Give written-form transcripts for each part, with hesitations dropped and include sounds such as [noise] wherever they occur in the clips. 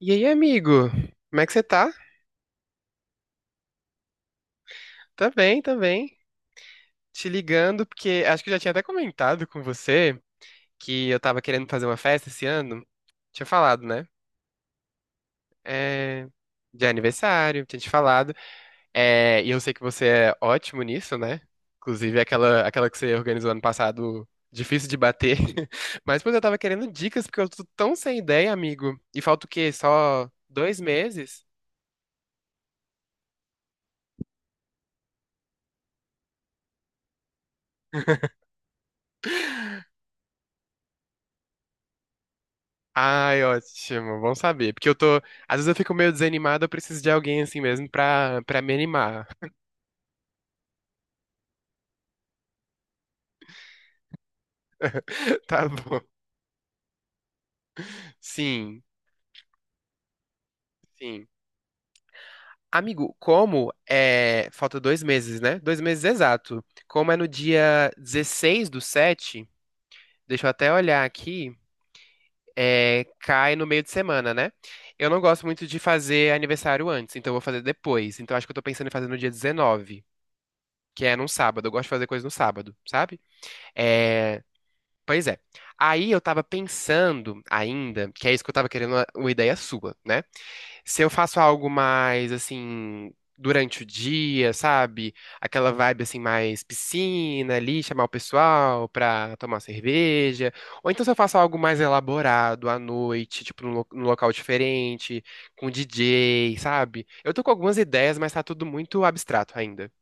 E aí, amigo? Como é que você tá? Tá bem, tá bem. Te ligando porque acho que eu já tinha até comentado com você que eu tava querendo fazer uma festa esse ano. Tinha falado, né? É... De aniversário, tinha te falado. É... E eu sei que você é ótimo nisso, né? Inclusive aquela que você organizou ano passado, difícil de bater. [laughs] Mas, pois, eu tava querendo dicas porque eu tô tão sem ideia, amigo. E falta o quê? Só 2 meses? Ai, ótimo, bom saber. Porque eu tô. Às vezes eu fico meio desanimado, eu preciso de alguém assim mesmo pra me animar. [laughs] Tá bom. Sim, sim. Amigo, como é. Falta 2 meses, né? 2 meses exato. Como é no dia 16 do 7? Deixa eu até olhar aqui. É... Cai no meio de semana, né? Eu não gosto muito de fazer aniversário antes, então eu vou fazer depois. Então acho que eu tô pensando em fazer no dia 19, que é num sábado. Eu gosto de fazer coisa no sábado, sabe? É, pois é. Aí eu tava pensando ainda, que é isso que eu tava querendo uma ideia sua, né? Se eu faço algo mais assim durante o dia, sabe? Aquela vibe assim mais piscina ali, chamar o pessoal pra tomar uma cerveja, ou então se eu faço algo mais elaborado à noite, tipo num, num local diferente, com DJ, sabe? Eu tô com algumas ideias, mas tá tudo muito abstrato ainda.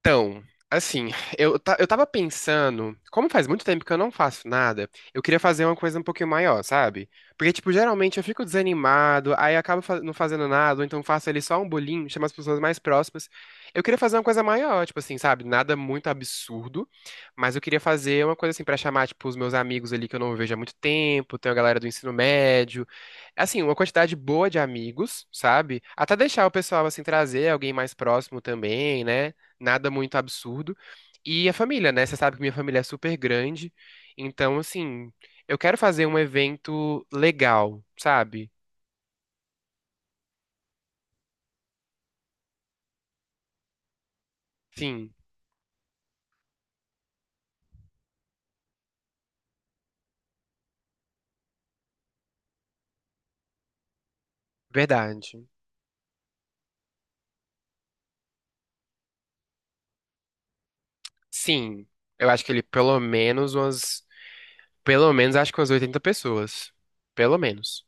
Então, assim, eu tava pensando, como faz muito tempo que eu não faço nada, eu queria fazer uma coisa um pouquinho maior, sabe? Porque, tipo, geralmente eu fico desanimado, aí acabo não fazendo nada, ou então faço ali só um bolinho, chamo as pessoas mais próximas. Eu queria fazer uma coisa maior, tipo assim, sabe? Nada muito absurdo, mas eu queria fazer uma coisa assim pra chamar, tipo, os meus amigos ali que eu não vejo há muito tempo, tem a galera do ensino médio, assim, uma quantidade boa de amigos, sabe? Até deixar o pessoal, assim, trazer alguém mais próximo também, né? Nada muito absurdo. E a família, né? Você sabe que minha família é super grande. Então, assim, eu quero fazer um evento legal, sabe? Sim, verdade. Sim, eu acho que ele pelo menos umas. Pelo menos acho que umas 80 pessoas. Pelo menos.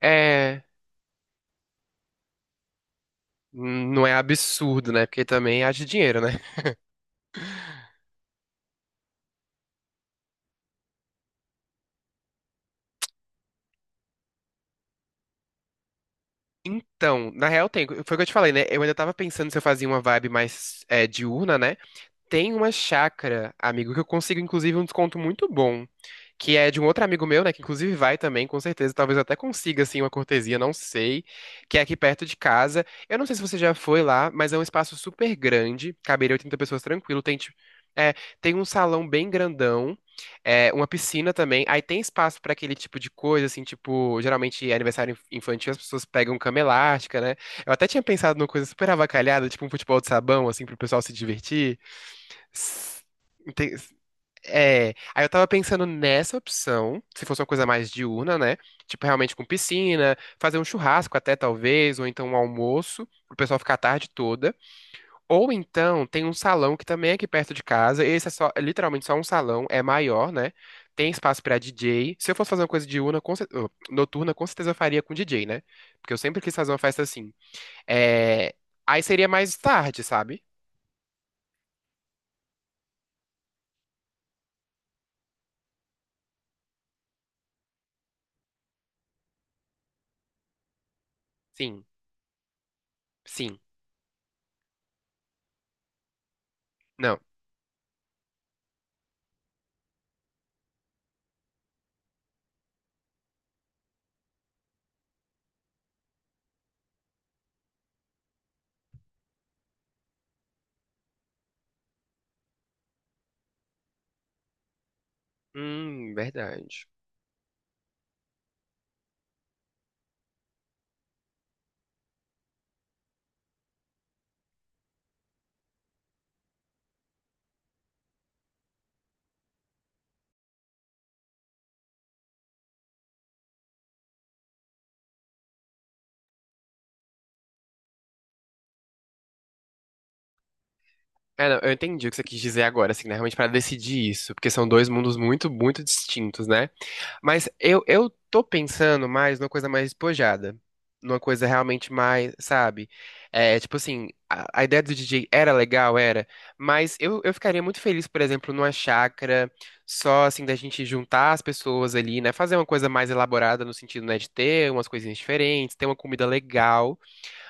É. Não é absurdo, né? Porque também haja dinheiro, né? [laughs] Então, na real, tem. Foi o que eu te falei, né? Eu ainda tava pensando se eu fazia uma vibe mais é, diurna, né? Tem uma chácara, amigo, que eu consigo, inclusive, um desconto muito bom. Que é de um outro amigo meu, né? Que inclusive vai também, com certeza. Talvez eu até consiga, assim, uma cortesia, não sei. Que é aqui perto de casa. Eu não sei se você já foi lá, mas é um espaço super grande. Caberia 80 pessoas tranquilo. É, tem um salão bem grandão. É, uma piscina também. Aí tem espaço pra aquele tipo de coisa, assim, tipo, geralmente é aniversário infantil, as pessoas pegam cama elástica, né? Eu até tinha pensado numa coisa super avacalhada, tipo um futebol de sabão, assim, pro pessoal se divertir. S- ente- É, aí eu tava pensando nessa opção, se fosse uma coisa mais diurna, né? Tipo, realmente com piscina, fazer um churrasco até talvez, ou então um almoço, pro pessoal ficar a tarde toda. Ou então tem um salão que também é aqui perto de casa, esse é só, é literalmente só um salão, é maior, né? Tem espaço pra DJ. Se eu fosse fazer uma coisa diurna, com noturna, com certeza eu faria com DJ, né? Porque eu sempre quis fazer uma festa assim. É, aí seria mais tarde, sabe? Sim, sim. Não. Verdade. É, não, eu entendi o que você quis dizer agora, assim, né? Realmente para decidir isso, porque são dois mundos muito, muito distintos, né? Mas eu tô pensando mais numa coisa mais despojada, numa coisa realmente mais, sabe? É, tipo assim, a ideia do DJ era legal, era, mas eu ficaria muito feliz, por exemplo, numa chácara, só assim, da gente juntar as pessoas ali, né? Fazer uma coisa mais elaborada no sentido, né, de ter umas coisinhas diferentes, ter uma comida legal.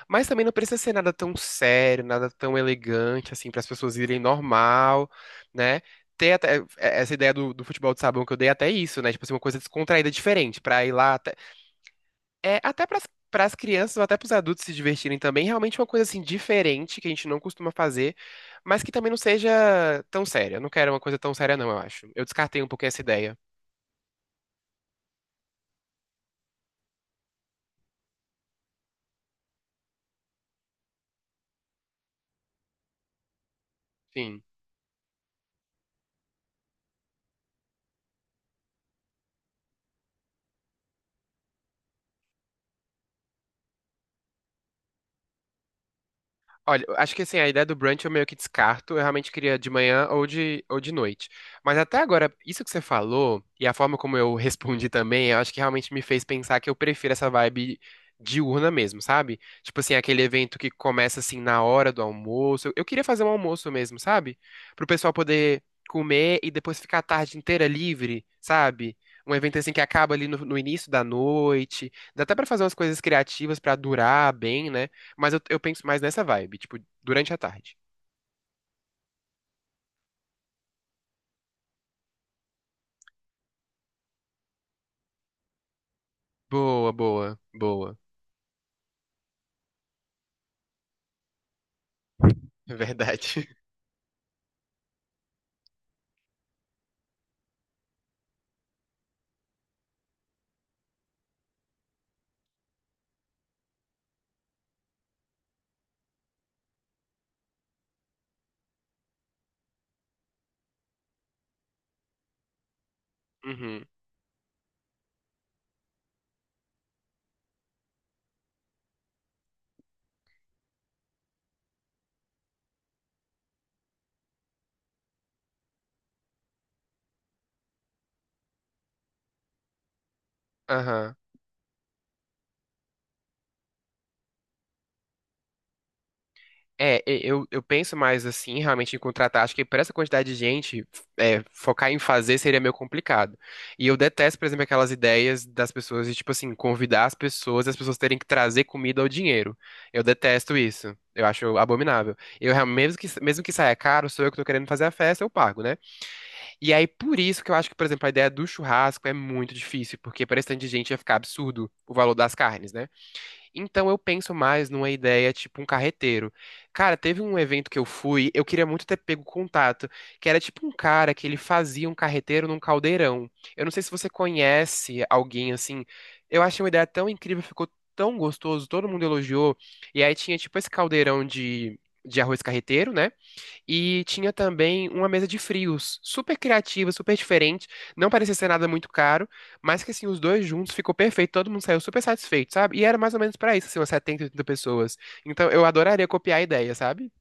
Mas também não precisa ser nada tão sério, nada tão elegante, assim, para as pessoas irem normal, né? Ter até é, essa ideia do futebol de sabão que eu dei é até isso, né? Tipo assim, uma coisa descontraída, diferente, para ir lá até, é, até para as crianças ou até para os adultos se divertirem também, realmente uma coisa assim diferente que a gente não costuma fazer, mas que também não seja tão séria. Eu não quero uma coisa tão séria, não, eu acho. Eu descartei um pouquinho essa ideia. Sim. Olha, acho que assim, a ideia do brunch eu meio que descarto. Eu realmente queria de manhã ou ou de noite. Mas até agora, isso que você falou e a forma como eu [laughs] respondi também, eu acho que realmente me fez pensar que eu prefiro essa vibe diurna mesmo, sabe? Tipo assim, aquele evento que começa assim na hora do almoço. Eu queria fazer um almoço mesmo, sabe? Pro pessoal poder comer e depois ficar a tarde inteira livre, sabe? Um evento assim que acaba ali no, no início da noite. Dá até pra fazer umas coisas criativas pra durar bem, né? Mas eu penso mais nessa vibe, tipo, durante a tarde. Boa, boa, boa. É verdade. [laughs] Uhum. Aham. É, eu penso mais assim, realmente, em contratar. Acho que para essa quantidade de gente, é, focar em fazer seria meio complicado. E eu detesto, por exemplo, aquelas ideias das pessoas de, tipo assim, convidar as pessoas e as pessoas terem que trazer comida ou dinheiro. Eu detesto isso. Eu acho abominável. Eu, mesmo que saia caro, sou eu que tô querendo fazer a festa, eu pago, né? E aí, por isso que eu acho que, por exemplo, a ideia do churrasco é muito difícil, porque para esse tanto de gente ia ficar absurdo o valor das carnes, né? Então eu penso mais numa ideia tipo um carreteiro. Cara, teve um evento que eu fui, eu queria muito ter pego contato, que era tipo um cara que ele fazia um carreteiro num caldeirão. Eu não sei se você conhece alguém assim. Eu achei uma ideia tão incrível, ficou tão gostoso, todo mundo elogiou. E aí tinha tipo esse caldeirão de arroz carreteiro, né? E tinha também uma mesa de frios, super criativa, super diferente. Não parecia ser nada muito caro, mas que assim, os dois juntos ficou perfeito, todo mundo saiu super satisfeito, sabe? E era mais ou menos pra isso, assim, umas 70, 80 pessoas. Então eu adoraria copiar a ideia, sabe?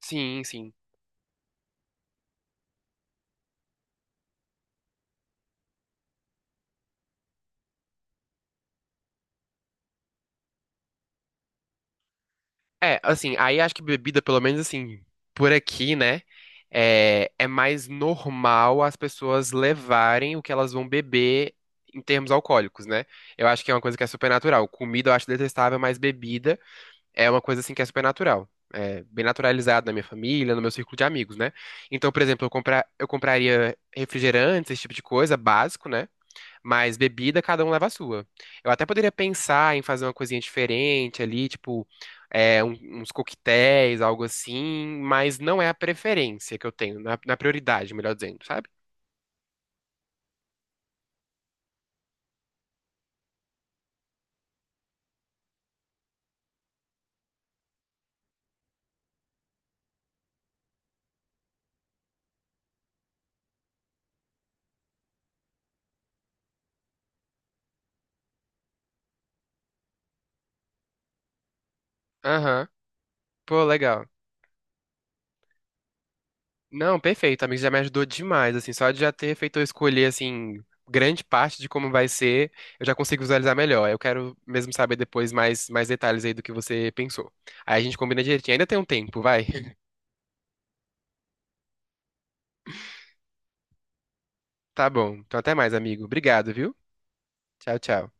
Sim, sim. É, assim, aí acho que bebida, pelo menos assim, por aqui, né? É, é mais normal as pessoas levarem o que elas vão beber em termos alcoólicos, né? Eu acho que é uma coisa que é super natural. Comida eu acho detestável, mas bebida. É uma coisa assim que é super natural. É bem naturalizado na minha família, no meu círculo de amigos, né? Então, por exemplo, eu compraria refrigerantes, esse tipo de coisa, básico, né? Mas bebida, cada um leva a sua. Eu até poderia pensar em fazer uma coisinha diferente ali, tipo, é, uns coquetéis, algo assim, mas não é a preferência que eu tenho, na, prioridade, melhor dizendo, sabe? Aham. Pô, legal. Não, perfeito, amigo, já me ajudou demais, assim, só de já ter feito eu escolher, assim, grande parte de como vai ser, eu já consigo visualizar melhor. Eu quero mesmo saber depois mais, detalhes aí do que você pensou. Aí a gente combina direitinho, ainda tem um tempo, vai? [laughs] Tá bom, então até mais, amigo. Obrigado, viu? Tchau, tchau.